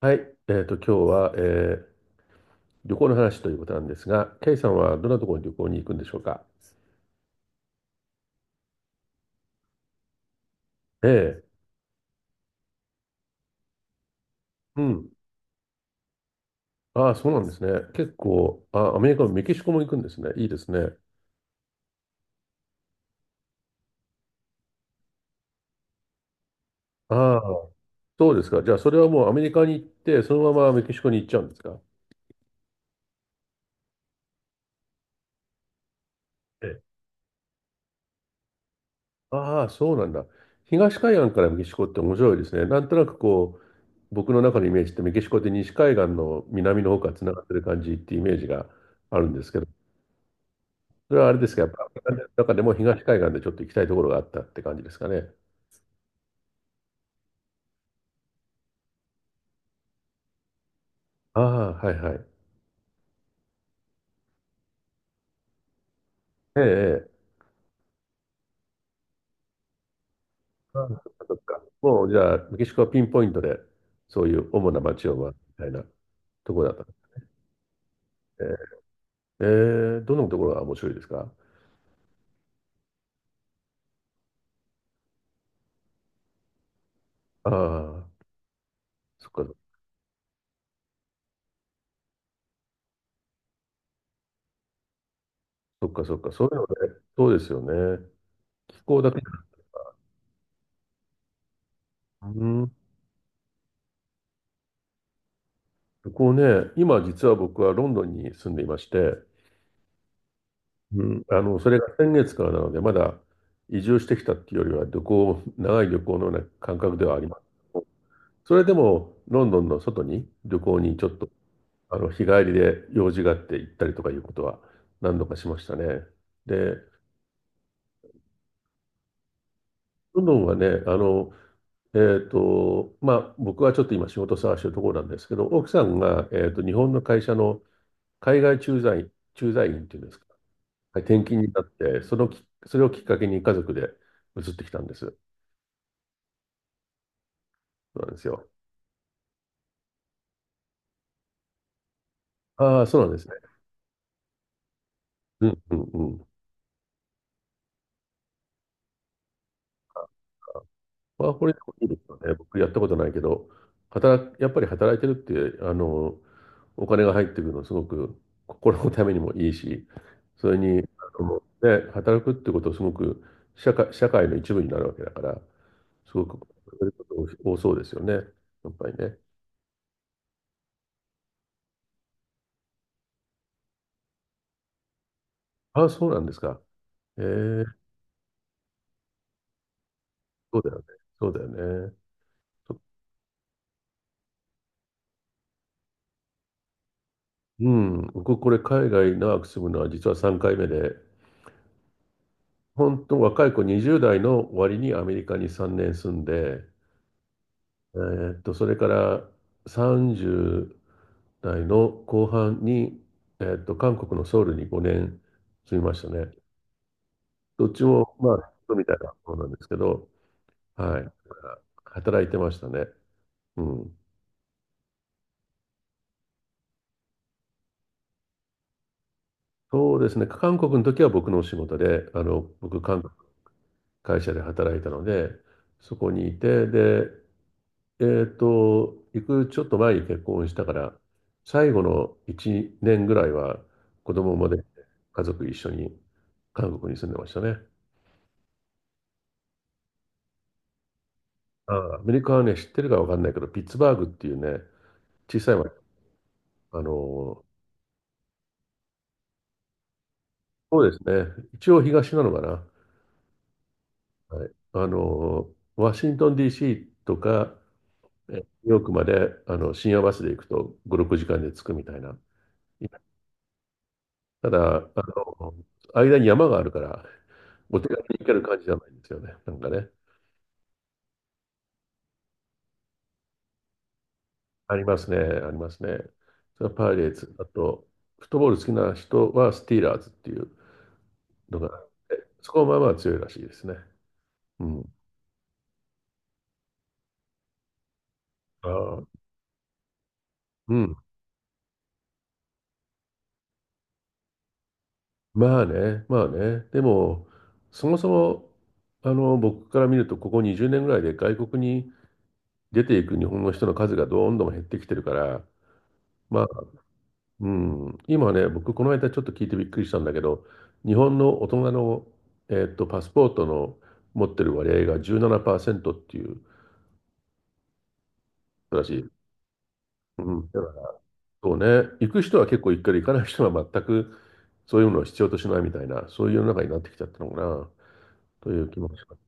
はい、今日は、旅行の話ということなんですが、ケイさんはどんなところに旅行に行くんでしょうか？ええ、うん。ああ、そうなんですね。結構、あ、アメリカもメキシコも行くんですね。いいですね。ああ、そうですか。じゃあ、それはもうアメリカに行って、そのままメキシコに行っちゃうんですか？ええ。ああ、そうなんだ。東海岸からメキシコって面白いですね。なんとなくこう、僕の中のイメージってメキシコって西海岸の南の方からつながってる感じってイメージがあるんですけど、それはあれですか、やっぱ、中でも東海岸でちょっと行きたいところがあったって感じですかね。ああ、はいはい。ええ、ええ。ああ、そっかそっか。もう、じゃあ、メキシコはピンポイントで、そういう主な街を回るみたいなところだったんですね。ええ、どのところが面白いですか？ああ、そっか、そっか、そっか。そういうのね、そうですよね。気候だけ。うん。こうね、今実は僕はロンドンに住んでいまして、うん、それが先月からなので、まだ移住してきたっていうよりは、旅行、長い旅行のような感覚ではあります。それでも、ロンドンの外に旅行にちょっと、日帰りで用事があって行ったりとかいうことは何度かしましたね。で、ロンドンはね、まあ、僕はちょっと今仕事探してるところなんですけど、奥さんが、日本の会社の海外駐在員、駐在員っていうんですか、はい転勤になって、そのき、それをきっかけに家族で移ってきたんです。そうなんですよ。ああ、そうなんですね。うんうんうん。ワーホリでもいいですよね。僕やったことないけど、やっぱり働いてるって、お金が入ってくるのすごく心のためにもいいし、それに、あの、ね、働くってことをすごく社会の一部になるわけだから、すごくそういうこと多そうですよね。やっぱりね。ああ、そうなんですか。ええ、そうだよね。そうだよね。うん、僕これ海外長く住むのは実は3回目で、本当若い子20代の終わりにアメリカに3年住んで、それから30代の後半に、韓国のソウルに5年住みましたね。どっちも、まあ、みたいなものなんですけど、はい。だから働いてましたね。うん。そうですね。韓国の時は僕のお仕事で、僕、韓国会社で働いたので、そこにいて、で、行くちょっと前に結婚したから、最後の1年ぐらいは子供まで家族一緒に韓国に住んでましたね。ああアメリカはね、知ってるかわかんないけど、ピッツバーグっていうね、小さい町、あの、そうですね、一応東なのかな。はい、ワシントン DC とか、ニューヨークまであの深夜バスで行くと5、6時間で着くみたいな。ただ、あの、間に山があるから、お手軽に行ける感じじゃないんですよね。なんかね。ありますね。ありますね。それはパイレーツ。あと、フットボール好きな人はスティーラーズっていうのがあってそこはまあまあ強いらしいですね。うん。ああ、うん。まあね。まあね。でも、そもそも、僕から見ると、ここ20年ぐらいで外国に出ていく日本の人の数がどんどん減ってきてるから、まうん、今ね、僕、この間ちょっと聞いてびっくりしたんだけど、日本の大人の、パスポートの持ってる割合が17%っていうらしい。うん、だからそうね、行く人は結構行くけど、行かない人は全くそういうのを必要としないみたいな、そういう世の中になってきちゃったのかな、という気もします。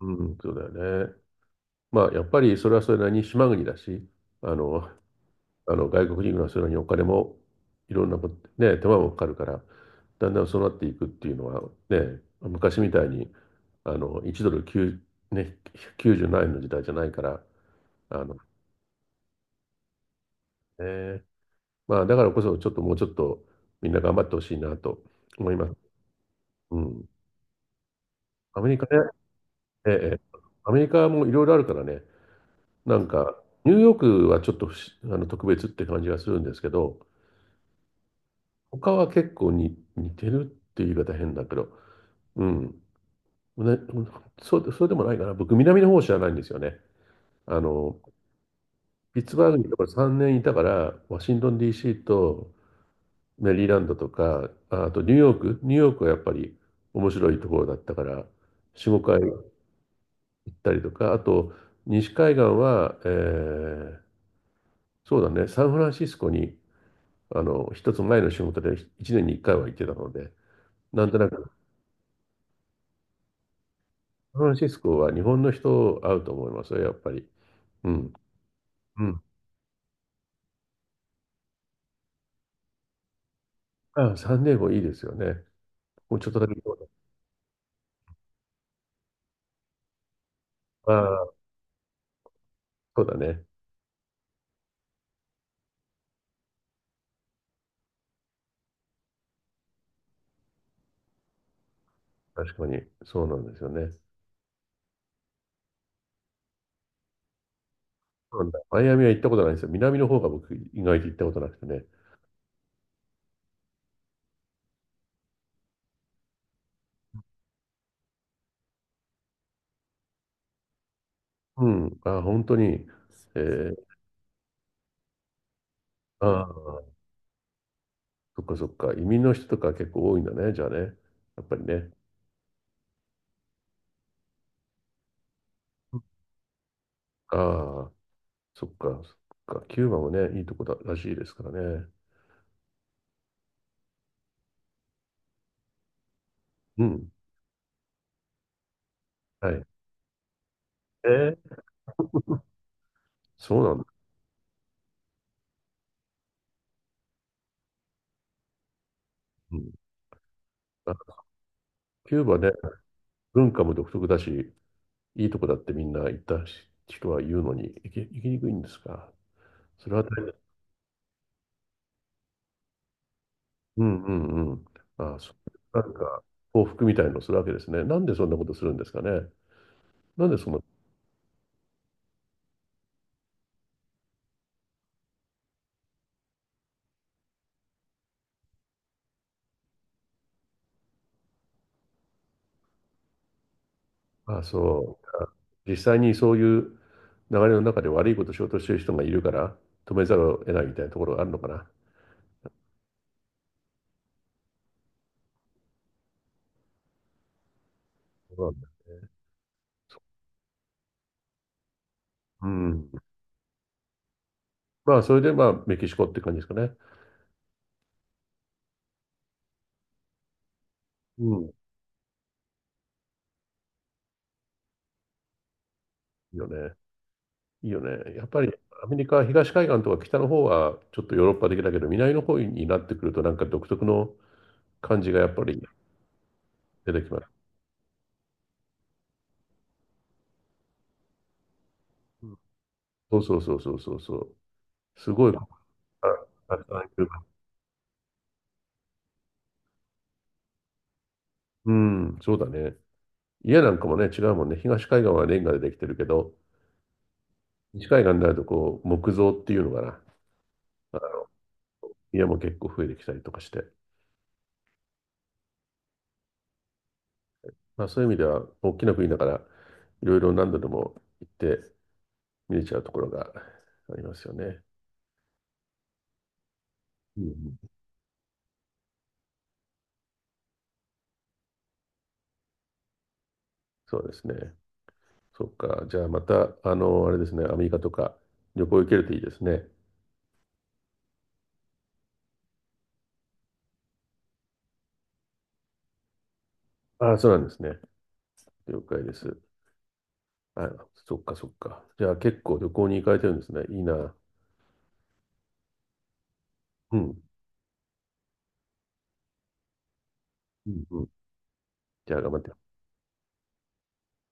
うん、そうだよね。まあ、やっぱりそれはそれなりに島国だし、あの、あの外国人がそれにお金もいろんなこと、ね、手間もかかるから、だんだんそうなっていくっていうのは、ね、昔みたいにあの1ドル9、ね、97円の時代じゃないから、あのね、まあ、だからこそ、ちょっともうちょっとみんな頑張ってほしいなと思います。うん、アメリカね、ええ、アメリカもいろいろあるからね、なんか、ニューヨークはちょっと不思あの特別って感じがするんですけど、他は結構に似てるっていう言い方変だけど、うん、ね、そうでもないかな。僕、南の方知らないんですよね。あの、ピッツバーグにだから3年いたから、ワシントン DC とメリーランドとか、とニューヨーク、ニューヨークはやっぱり面白いところだったから、4、5回行ったりとか、あと、西海岸は、ーそうだね、サンフランシスコに、一つ前の仕事で1年に1回は行ってたので、なんとなく、サンフランシスコは日本の人会うと思いますよ、やっぱり。うん。うん。あ、サンディエゴいいですよね。もうちょっとだけそうだ。ああ、そうだね。確かに。そうなんですよね。そうなんだ。マイアミは行ったことないんですよ。南の方が僕、意外と行ったことなくてね。うん。ああ、本当に。えー、ああ、そっかそっか。移民の人とか結構多いんだね。じゃあね。やっぱりね。ああ、そっか、そっか。キューバもね、いいとこだらしいですからね。うん。はい。えー、そうなんだ。うん。あ、キューバね、文化も独特だし、いいとこだってみんな行った人は言うのに、行きにくいんですか？それは大変だ。うんうんうん。ああ、そう、なんか、報復みたいのをするわけですね。なんでそんなことするんですかね。なんでその、ああ、そう。実際にそういう流れの中で悪いことをしようとしている人がいるから、止めざるを得ないみたいなところがあるのかな。そうなんだ。うん。まあ、それで、まあ、メキシコって感じですかね。うん。いいよね。いいよね。やっぱり、アメリカ、東海岸とか北の方は、ちょっとヨーロッパ的だけど、南の方になってくると、なんか独特の感じがやっぱり出てきます。うん。そうそうそうそうそうそう。すごい、うん、そうだね。家なんかもね、違うもんね。東海岸はレンガでできてるけど、西海岸になるとこう、木造っていうのかな。まあ家も結構増えてきたりとかして。まあそういう意味では、大きな国だから、いろいろ何度でも行って見れちゃうところがありますよね。うんうん、そうですね。そっか。じゃあまた、あれですね、アメリカとか旅行行けるといいですね。ああ、そうなんですね。了解です。あ、そっかそっか。じゃあ結構旅行に行かれてるんですね。いいな。うん。うんうん。じゃあ、頑張って。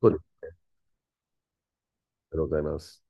そうです。ありがとうございます。